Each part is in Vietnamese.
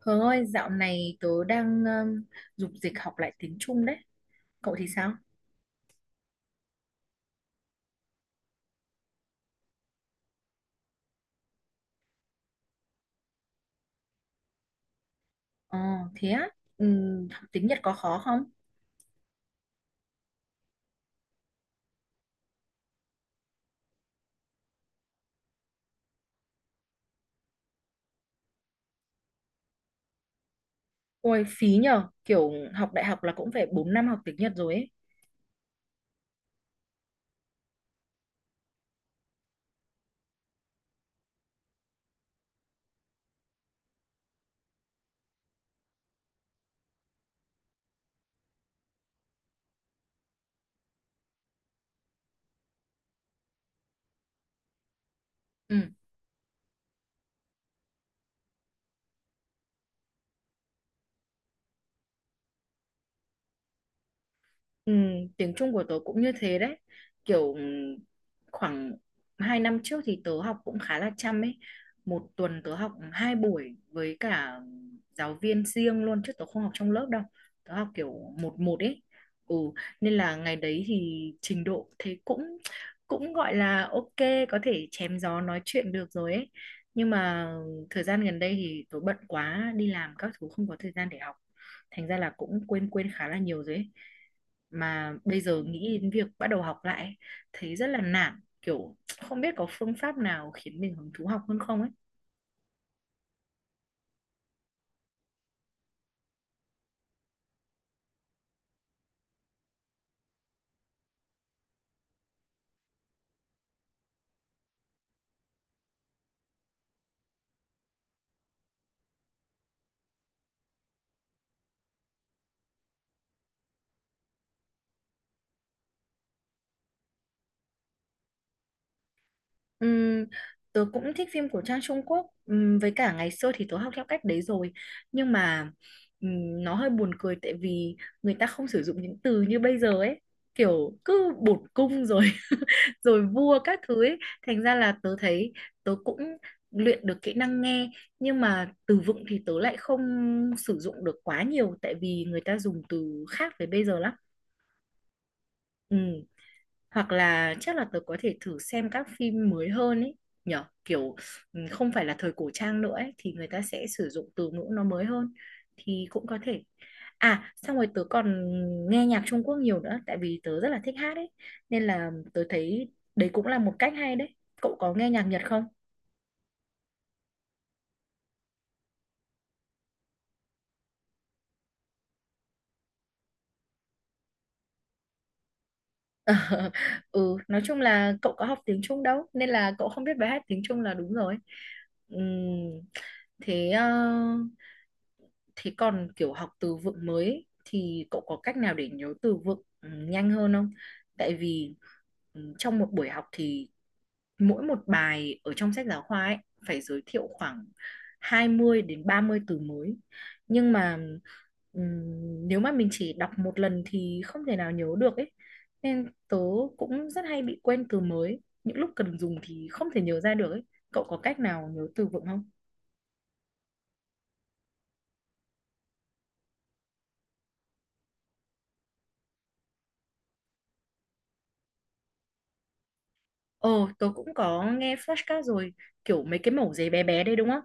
Hường ơi, dạo này tớ đang dục dịch học lại tiếng Trung đấy. Cậu thì sao? Ờ, thế á? Học tiếng Nhật có khó không? Ôi, phí nhờ. Kiểu học đại học là cũng phải 4 năm học tiếng Nhật rồi ấy. Ừ. Ừ, tiếng Trung của tớ cũng như thế đấy, kiểu khoảng 2 năm trước thì tớ học cũng khá là chăm ấy, một tuần tớ học hai buổi với cả giáo viên riêng luôn, chứ tớ không học trong lớp đâu. Tớ học kiểu một một ấy, ừ, nên là ngày đấy thì trình độ thế cũng cũng gọi là ok, có thể chém gió nói chuyện được rồi ấy. Nhưng mà thời gian gần đây thì tớ bận quá, đi làm các thứ, không có thời gian để học, thành ra là cũng quên quên khá là nhiều rồi ấy. Mà bây giờ nghĩ đến việc bắt đầu học lại ấy, thấy rất là nản, kiểu không biết có phương pháp nào khiến mình hứng thú học hơn không ấy. Ừm, tớ cũng thích phim của Trang Trung Quốc. Với cả ngày xưa thì tớ học theo cách đấy rồi, nhưng mà nó hơi buồn cười, tại vì người ta không sử dụng những từ như bây giờ ấy, kiểu cứ bổn cung rồi rồi vua các thứ ấy. Thành ra là tớ thấy tớ cũng luyện được kỹ năng nghe, nhưng mà từ vựng thì tớ lại không sử dụng được quá nhiều, tại vì người ta dùng từ khác với bây giờ lắm. Ừ, hoặc là chắc là tớ có thể thử xem các phim mới hơn ấy, nhở, kiểu không phải là thời cổ trang nữa ấy, thì người ta sẽ sử dụng từ ngữ nó mới hơn, thì cũng có thể. À, xong rồi tớ còn nghe nhạc Trung Quốc nhiều nữa, tại vì tớ rất là thích hát ấy, nên là tớ thấy đấy cũng là một cách hay đấy. Cậu có nghe nhạc Nhật không? Ừ, nói chung là cậu có học tiếng Trung đâu nên là cậu không biết bài hát tiếng Trung là đúng rồi. Ừm, thế thế còn kiểu học từ vựng mới ấy, thì cậu có cách nào để nhớ từ vựng nhanh hơn không? Tại vì trong một buổi học thì mỗi một bài ở trong sách giáo khoa ấy phải giới thiệu khoảng 20 đến 30 từ mới. Nhưng mà ừm, nếu mà mình chỉ đọc một lần thì không thể nào nhớ được ấy. Nên tớ cũng rất hay bị quên từ mới. Những lúc cần dùng thì không thể nhớ ra được ấy. Cậu có cách nào nhớ từ vựng không? Ồ, tớ cũng có nghe podcast rồi, kiểu mấy cái mẩu giấy bé bé đây đúng không?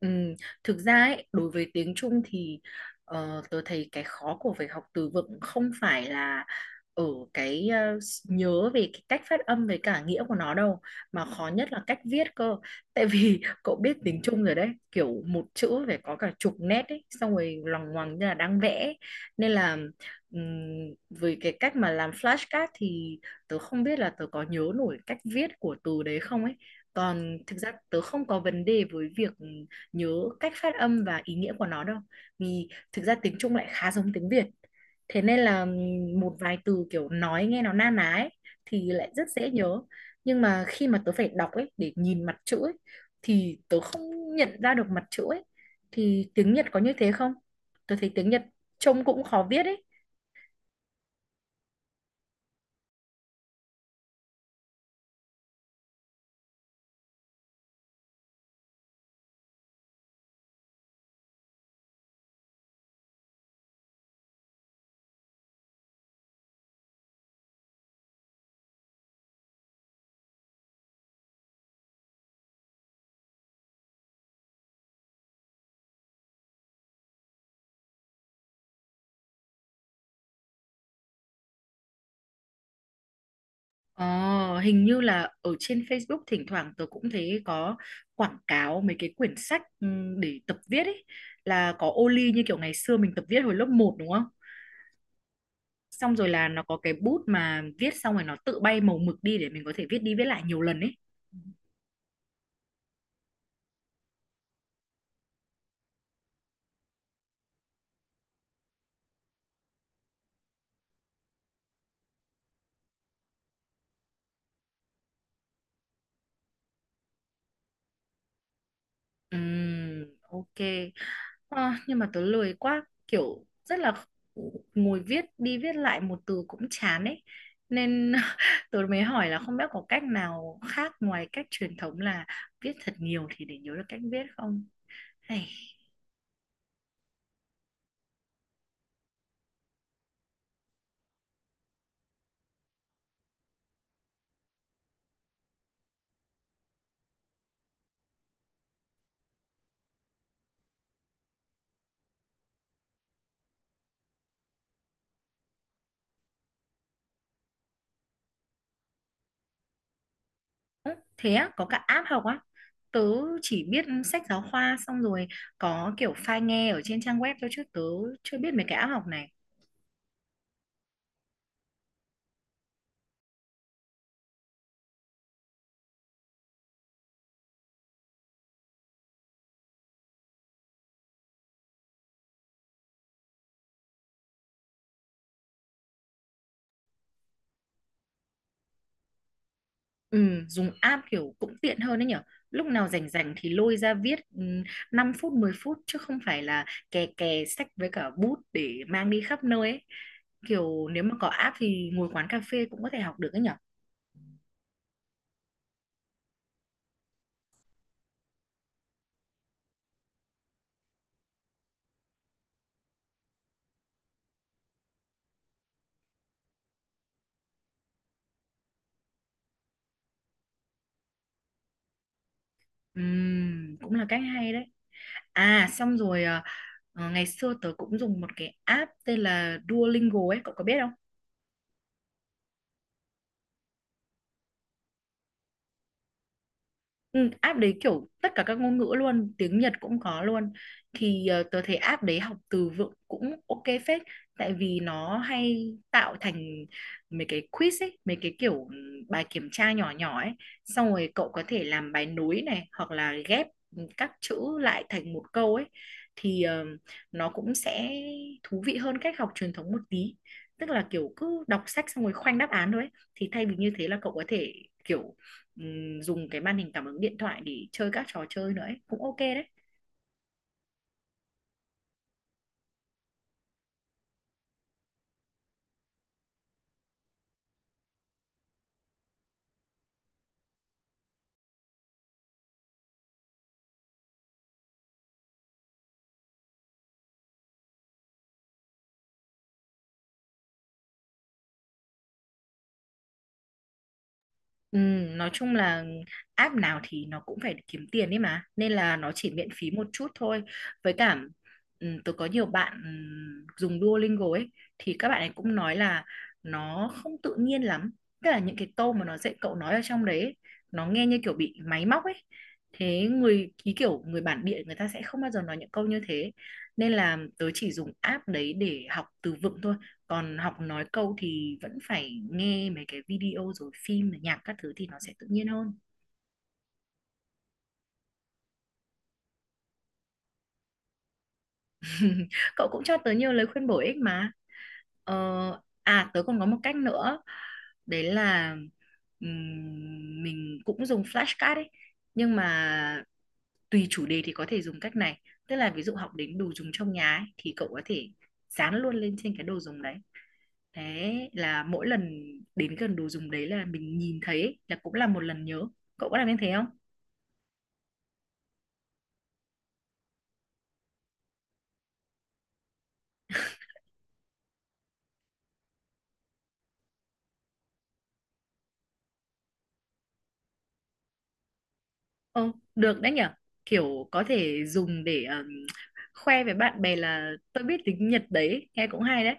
Ừm, thực ra ấy, đối với tiếng Trung thì tớ thấy cái khó của việc học từ vựng không phải là ở cái nhớ về cái cách phát âm với cả nghĩa của nó đâu, mà khó nhất là cách viết cơ. Tại vì cậu biết tiếng Trung rồi đấy, kiểu một chữ phải có cả chục nét ấy, xong rồi loằng ngoằng như là đang vẽ ấy. Nên là ừm, với cái cách mà làm flashcard thì tớ không biết là tớ có nhớ nổi cách viết của từ đấy không ấy. Còn thực ra tớ không có vấn đề với việc nhớ cách phát âm và ý nghĩa của nó đâu, vì thực ra tiếng Trung lại khá giống tiếng Việt, thế nên là một vài từ kiểu nói nghe nó na ná ấy, thì lại rất dễ nhớ. Nhưng mà khi mà tớ phải đọc ấy, để nhìn mặt chữ ấy, thì tớ không nhận ra được mặt chữ ấy. Thì tiếng Nhật có như thế không? Tớ thấy tiếng Nhật trông cũng khó viết ấy. Ờ, hình như là ở trên Facebook thỉnh thoảng tớ cũng thấy có quảng cáo mấy cái quyển sách để tập viết ấy, là có ô ly như kiểu ngày xưa mình tập viết hồi lớp một đúng không? Xong rồi là nó có cái bút mà viết xong rồi nó tự bay màu mực đi để mình có thể viết đi viết lại nhiều lần ấy. Ok. Ờ, nhưng mà tớ lười quá, kiểu rất là ngồi viết đi viết lại một từ cũng chán ấy, nên tớ mới hỏi là không biết có cách nào khác ngoài cách truyền thống là viết thật nhiều thì để nhớ được cách viết không, hay. Ơ, thế á, có cả app học á? Tớ chỉ biết sách giáo khoa, xong rồi có kiểu file nghe ở trên trang web thôi, chứ tớ chưa biết mấy cái app học này. Ừ, dùng app kiểu cũng tiện hơn đấy nhở, lúc nào rảnh rảnh thì lôi ra viết 5 phút 10 phút, chứ không phải là kè kè sách với cả bút để mang đi khắp nơi ấy. Kiểu nếu mà có app thì ngồi quán cà phê cũng có thể học được đấy nhở. Cũng là cách hay đấy. À, xong rồi ngày xưa tớ cũng dùng một cái app tên là Duolingo ấy, cậu có biết không? Ừ, app đấy kiểu tất cả các ngôn ngữ luôn, tiếng Nhật cũng có luôn. Thì tớ thấy app đấy học từ vựng cũng ok phết, tại vì nó hay tạo thành mấy cái quiz ấy, mấy cái kiểu bài kiểm tra nhỏ nhỏ ấy, xong rồi cậu có thể làm bài nối này, hoặc là ghép các chữ lại thành một câu ấy, thì nó cũng sẽ thú vị hơn cách học truyền thống một tí. Tức là kiểu cứ đọc sách xong rồi khoanh đáp án thôi ấy. Thì thay vì như thế là cậu có thể kiểu dùng cái màn hình cảm ứng điện thoại để chơi các trò chơi nữa ấy. Cũng ok đấy. Nói chung là app nào thì nó cũng phải kiếm tiền ấy mà, nên là nó chỉ miễn phí một chút thôi. Với cả tôi có nhiều bạn dùng Duolingo ấy, thì các bạn ấy cũng nói là nó không tự nhiên lắm, tức là những cái câu mà nó dạy cậu nói ở trong đấy ấy, nó nghe như kiểu bị máy móc ấy, thế người ký kiểu người bản địa người ta sẽ không bao giờ nói những câu như thế. Nên là tớ chỉ dùng app đấy để học từ vựng thôi, còn học nói câu thì vẫn phải nghe mấy cái video rồi phim rồi nhạc các thứ, thì nó sẽ tự nhiên hơn. Cậu cũng cho tớ nhiều lời khuyên bổ ích mà. ờ, À, tớ còn có một cách nữa, đấy là mình cũng dùng flashcard ấy, nhưng mà tùy chủ đề thì có thể dùng cách này. Tức là ví dụ học đến đồ dùng trong nhà ấy, thì cậu có thể dán luôn lên trên cái đồ dùng đấy, thế là mỗi lần đến gần đồ dùng đấy là mình nhìn thấy ấy, là cũng là một lần nhớ. Cậu có làm như thế không? Ồ, được đấy nhở, kiểu có thể dùng để khoe với bạn bè là tôi biết tiếng Nhật đấy, nghe cũng hay đấy.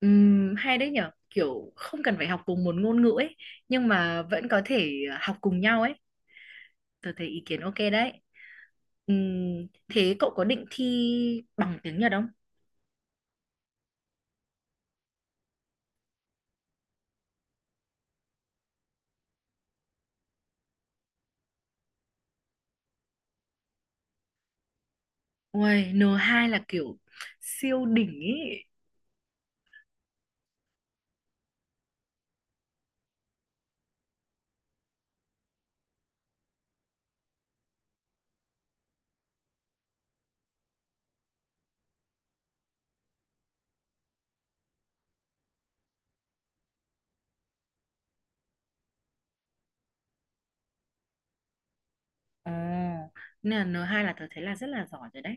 Hay đấy nhở, kiểu không cần phải học cùng một ngôn ngữ ấy, nhưng mà vẫn có thể học cùng nhau ấy. Tôi thấy ý kiến ok đấy. Thế cậu có định thi bằng tiếng Nhật không? Uầy, N2 là kiểu siêu đỉnh ý. Ồ, nên là N2 là tớ thấy là rất là giỏi rồi đấy.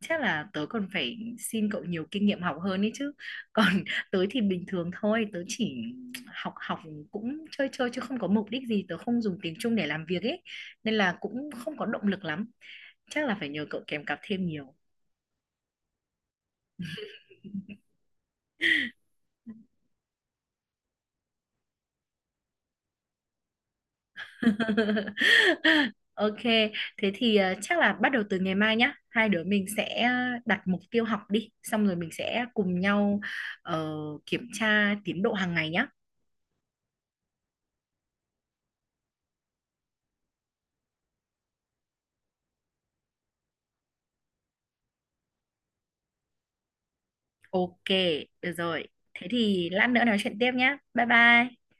Chắc là tớ còn phải xin cậu nhiều kinh nghiệm học hơn ấy chứ. Còn tớ thì bình thường thôi, tớ chỉ học học cũng chơi chơi, chứ không có mục đích gì, tớ không dùng tiếng Trung để làm việc ấy, nên là cũng không có động lực lắm. Chắc là phải nhờ cậu kèm cặp thêm nhiều. Ok, thế thì chắc là bắt đầu từ ngày mai nhá, hai đứa mình sẽ đặt mục tiêu học đi, xong rồi mình sẽ cùng nhau ờ, kiểm tra tiến độ hàng ngày nhá. Ok, được rồi. Thế thì lát nữa nói chuyện tiếp nhé. Bye bye.